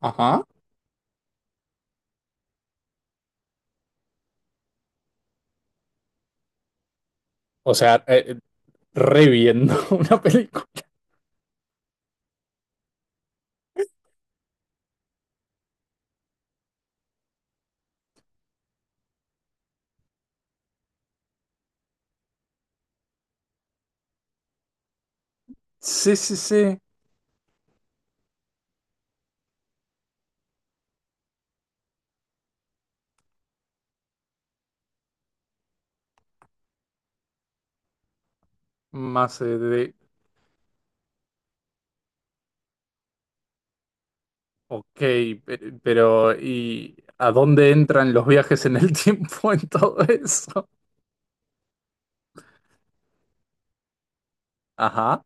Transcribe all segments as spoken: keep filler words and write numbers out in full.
Ajá. O sea, eh, reviendo una película. Sí, sí, sí. Más eh, de... Ok, pe- pero ¿y a dónde entran los viajes en el tiempo en todo eso? Ajá.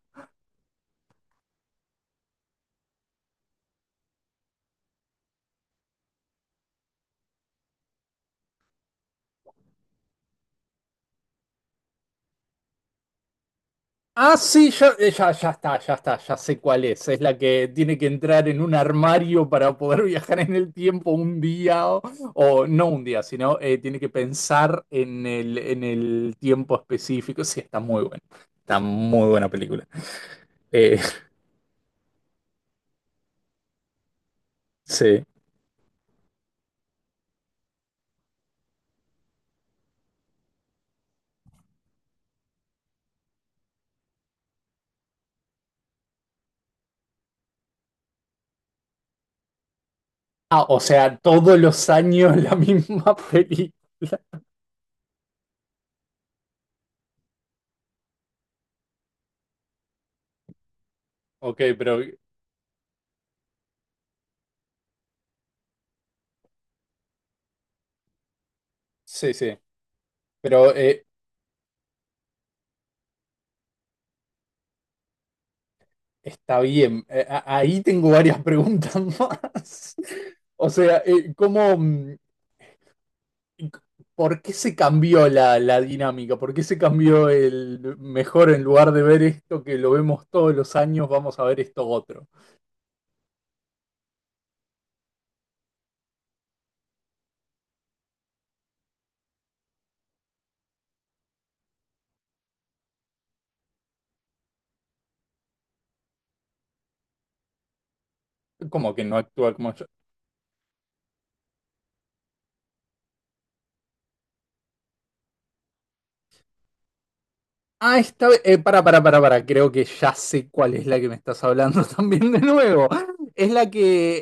Ah, sí, ya, eh, ya, ya está, ya está, ya sé cuál es. Es la que tiene que entrar en un armario para poder viajar en el tiempo un día, o, o no un día, sino eh, tiene que pensar en el, en el tiempo específico. Sí, está muy buena. Está muy buena película. Eh, Sí. Ah, o sea, todos los años la misma película. Ok, pero sí, sí. Pero eh, está bien. Eh, a- ahí tengo varias preguntas más. O sea, eh, ¿cómo, mm, c- por qué se cambió la, la dinámica? ¿Por qué se cambió el mejor en lugar de ver esto que lo vemos todos los años, vamos a ver esto otro? Como que no actúa como. Ah, esta vez, eh, para, para, para, para, creo que ya sé cuál es la que me estás hablando también de nuevo. Es la que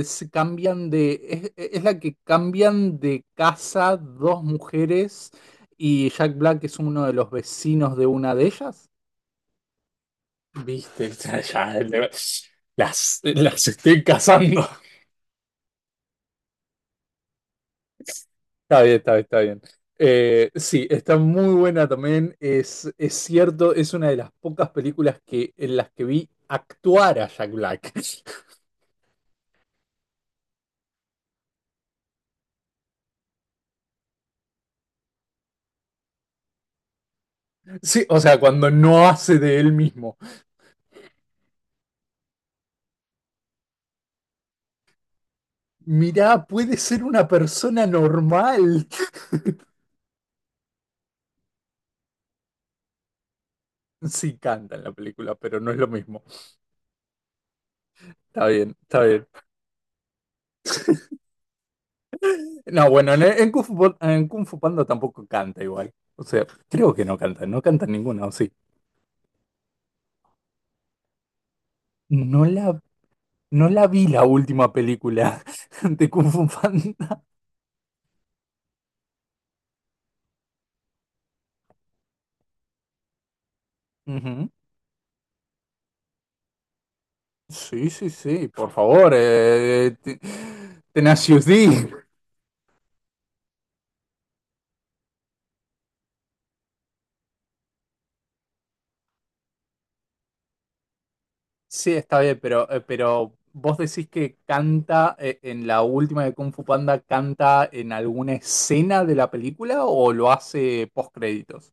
eh, se cambian de, es, es la que cambian de casa dos mujeres y Jack Black es uno de los vecinos de una de ellas. Viste, ya, ya, las, las estoy cazando. Está bien, está bien, está bien. Eh, sí, está muy buena también. Es, es cierto, es una de las pocas películas que, en las que vi actuar a Jack Black. Sí, o sea, cuando no hace de él mismo. Mirá, puede ser una persona normal. Sí, canta en la película, pero no es lo mismo. Está bien, está bien. No, bueno, en, en Kung Fu, Pan- en Kung Fu Panda tampoco canta igual. O sea, creo que no canta, no canta ninguna, o sí. No la. No la vi la última película de Kung Fu Panda. Ujú. Sí, sí, sí, por favor. Eh, te- Tenacious D. Sí, está bien, pero, eh, pero vos decís que canta eh, en la última de Kung Fu Panda, ¿canta en alguna escena de la película o lo hace post créditos?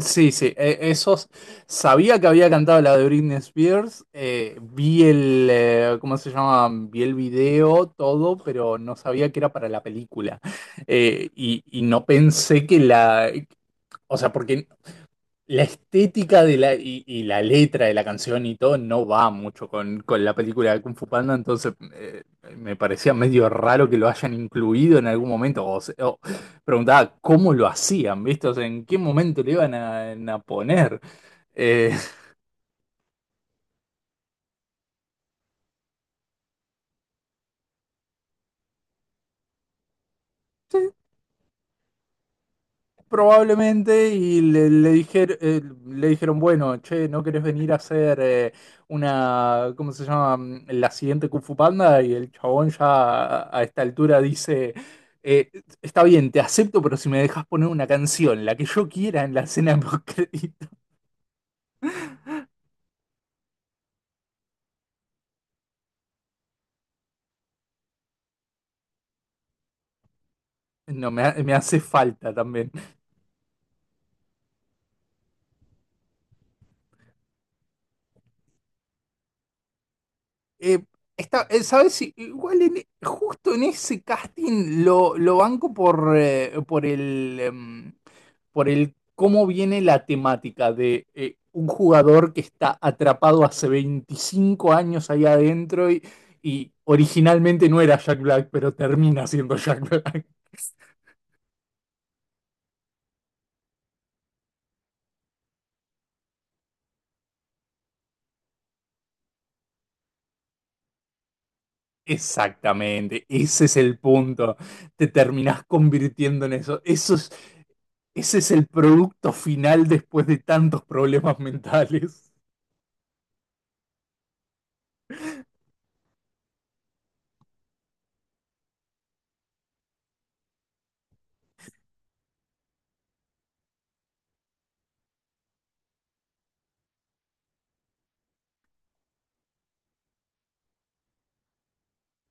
Sí, sí, e- esos. Sabía que había cantado la de Britney Spears. Eh, vi el. Eh, ¿cómo se llama? Vi el video, todo, pero no sabía que era para la película. Eh, y, y no pensé que la. O sea, porque la estética de la, y, y la letra de la canción y todo no va mucho con, con la película de Kung Fu Panda, entonces eh, me parecía medio raro que lo hayan incluido en algún momento. O se- o preguntaba cómo lo hacían, ¿viste? O sea, en qué momento le iban a, a poner. Eh, Probablemente, y le, le dijer- eh, le dijeron, bueno, che, ¿no querés venir a hacer eh, una, ¿cómo se llama? Mm, La siguiente Kung Fu Panda, y el chabón ya a, a esta altura dice, eh, está bien, te acepto, pero si me dejas poner una canción, la que yo quiera en la escena de los. No, me, ha- me hace falta también. Eh, está, eh, ¿sabes? Si igual en e- justo en ese casting lo, lo banco por, eh, por el, em, por el cómo viene la temática de eh, un jugador que está atrapado hace veinticinco años ahí adentro y, y originalmente no era Jack Black, pero termina siendo Jack Black. Exactamente, ese es el punto. Te terminás convirtiendo en eso. Eso es, ese es el producto final después de tantos problemas mentales.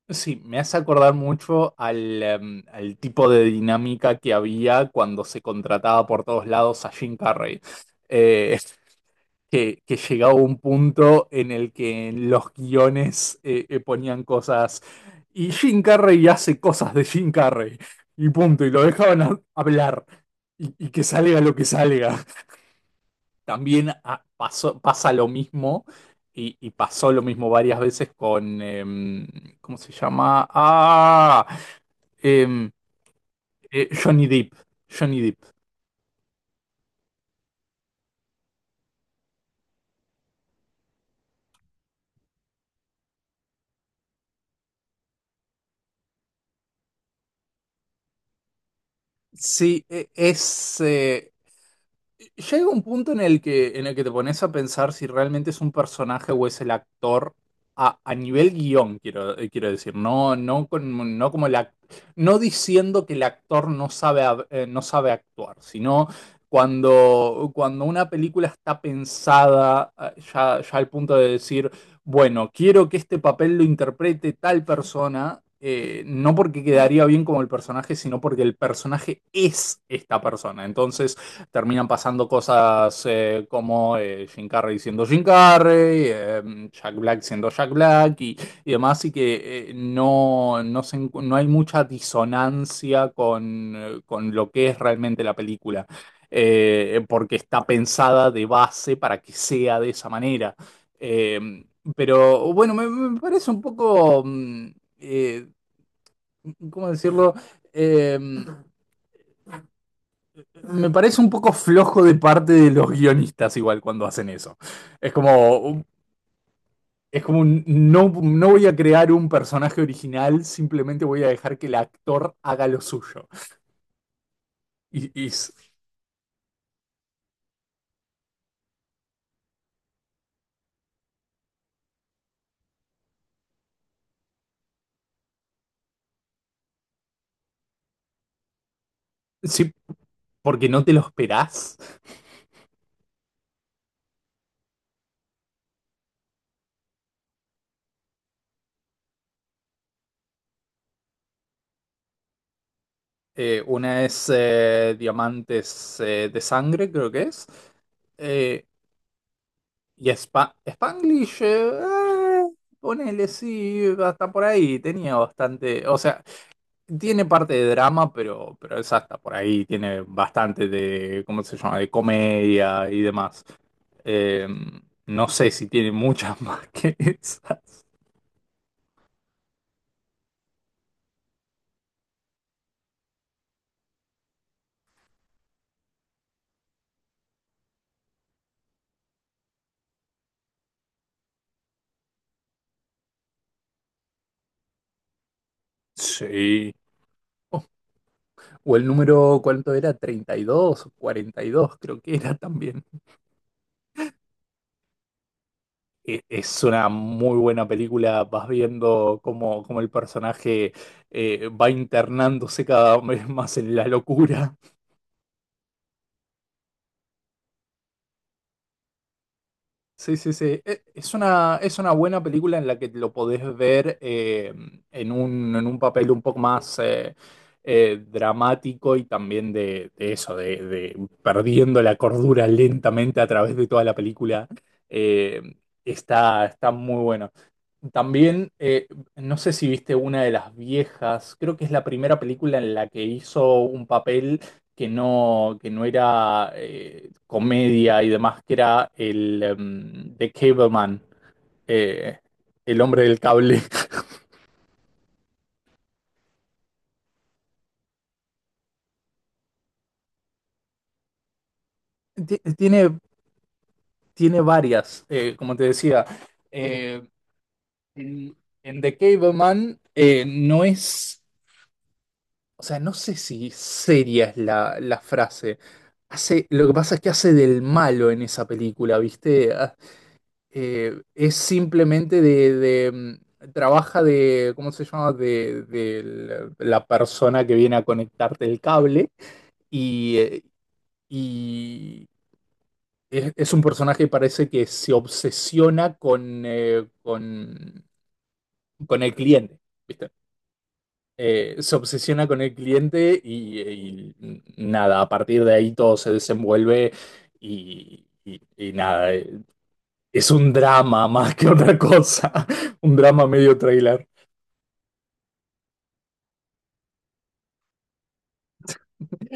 Sí, me hace acordar mucho al, em, al tipo de dinámica que había cuando se contrataba por todos lados a Jim Carrey. Eh, que, que llegaba un punto en el que en los guiones eh, eh, ponían cosas y Jim Carrey hace cosas de Jim Carrey y punto, y lo dejaban a- hablar y, y que salga lo que salga. También ah, pasó- pasa lo mismo y, y pasó lo mismo varias veces con, em, ¿cómo se llama? Ah, em, eh, Johnny Depp. Johnny Depp. Sí, e- es... eh, llega un punto en el que, en el que te pones a pensar si realmente es un personaje o es el actor a, a nivel guión, quiero, eh, quiero decir, no, no, con- no como la. No diciendo que el actor no sabe, hab- eh, no sabe actuar, sino cuando, cuando una película está pensada eh, ya, ya al punto de decir, bueno, quiero que este papel lo interprete tal persona, eh, no porque quedaría bien como el personaje, sino porque el personaje es esta persona. Entonces terminan pasando cosas eh, como eh, Jim Carrey siendo Jim Carrey, eh, Jack Black siendo Jack Black y, y demás, y que eh, no, no, se. No hay mucha disonancia con, eh, con lo que es realmente la película. Eh, porque está pensada de base para que sea de esa manera. Eh, pero bueno, me, me parece un poco, mm, eh, ¿cómo decirlo? Eh, me parece un poco flojo de parte de los guionistas igual cuando hacen eso. Es como, un- es como un- no, no voy a crear un personaje original, simplemente voy a dejar que el actor haga lo suyo. Y, y s- sí, porque no te lo esperás. Eh, una es eh, Diamantes eh, de Sangre, creo que es. Eh, Y Spa- Spanglish, eh, ah, ponele, sí, hasta por ahí, tenía bastante, o sea, tiene parte de drama, pero, pero es hasta por ahí, tiene bastante de, ¿cómo se llama?, de comedia y demás. Eh, no sé si tiene muchas más que esas. Sí. O el número, ¿cuánto era? treinta y dos o cuarenta y dos creo que era también. e- Es una muy buena película, vas viendo cómo, cómo el personaje eh, va internándose cada vez más en la locura. Sí, sí, sí. E- Es una, es una buena película en la que lo podés ver eh, en un, en un papel un poco más eh, eh, dramático y también de, de eso, de, de perdiendo la cordura lentamente a través de toda la película. Eh, está, está muy bueno. También, eh, no sé si viste una de las viejas, creo que es la primera película en la que hizo un papel que no, que no era eh, comedia y demás, que era el em, The Cableman, eh, el hombre del cable. Ti- Tiene, tiene varias, eh, como te decía. Eh, en, en The Cableman eh, no es, o sea, no sé si seria es la, la frase. Hace, lo que pasa es que hace del malo en esa película, ¿viste? Ah, eh, es simplemente de, de, mm, trabaja de, ¿cómo se llama? De, de la persona que viene a conectarte el cable y, eh, y es, es un personaje que parece que se obsesiona con, eh, con, con el cliente, ¿viste? Eh, se obsesiona con el cliente y, y nada, a partir de ahí todo se desenvuelve y, y- y nada, eh, es un drama más que otra cosa. Un drama medio trailer.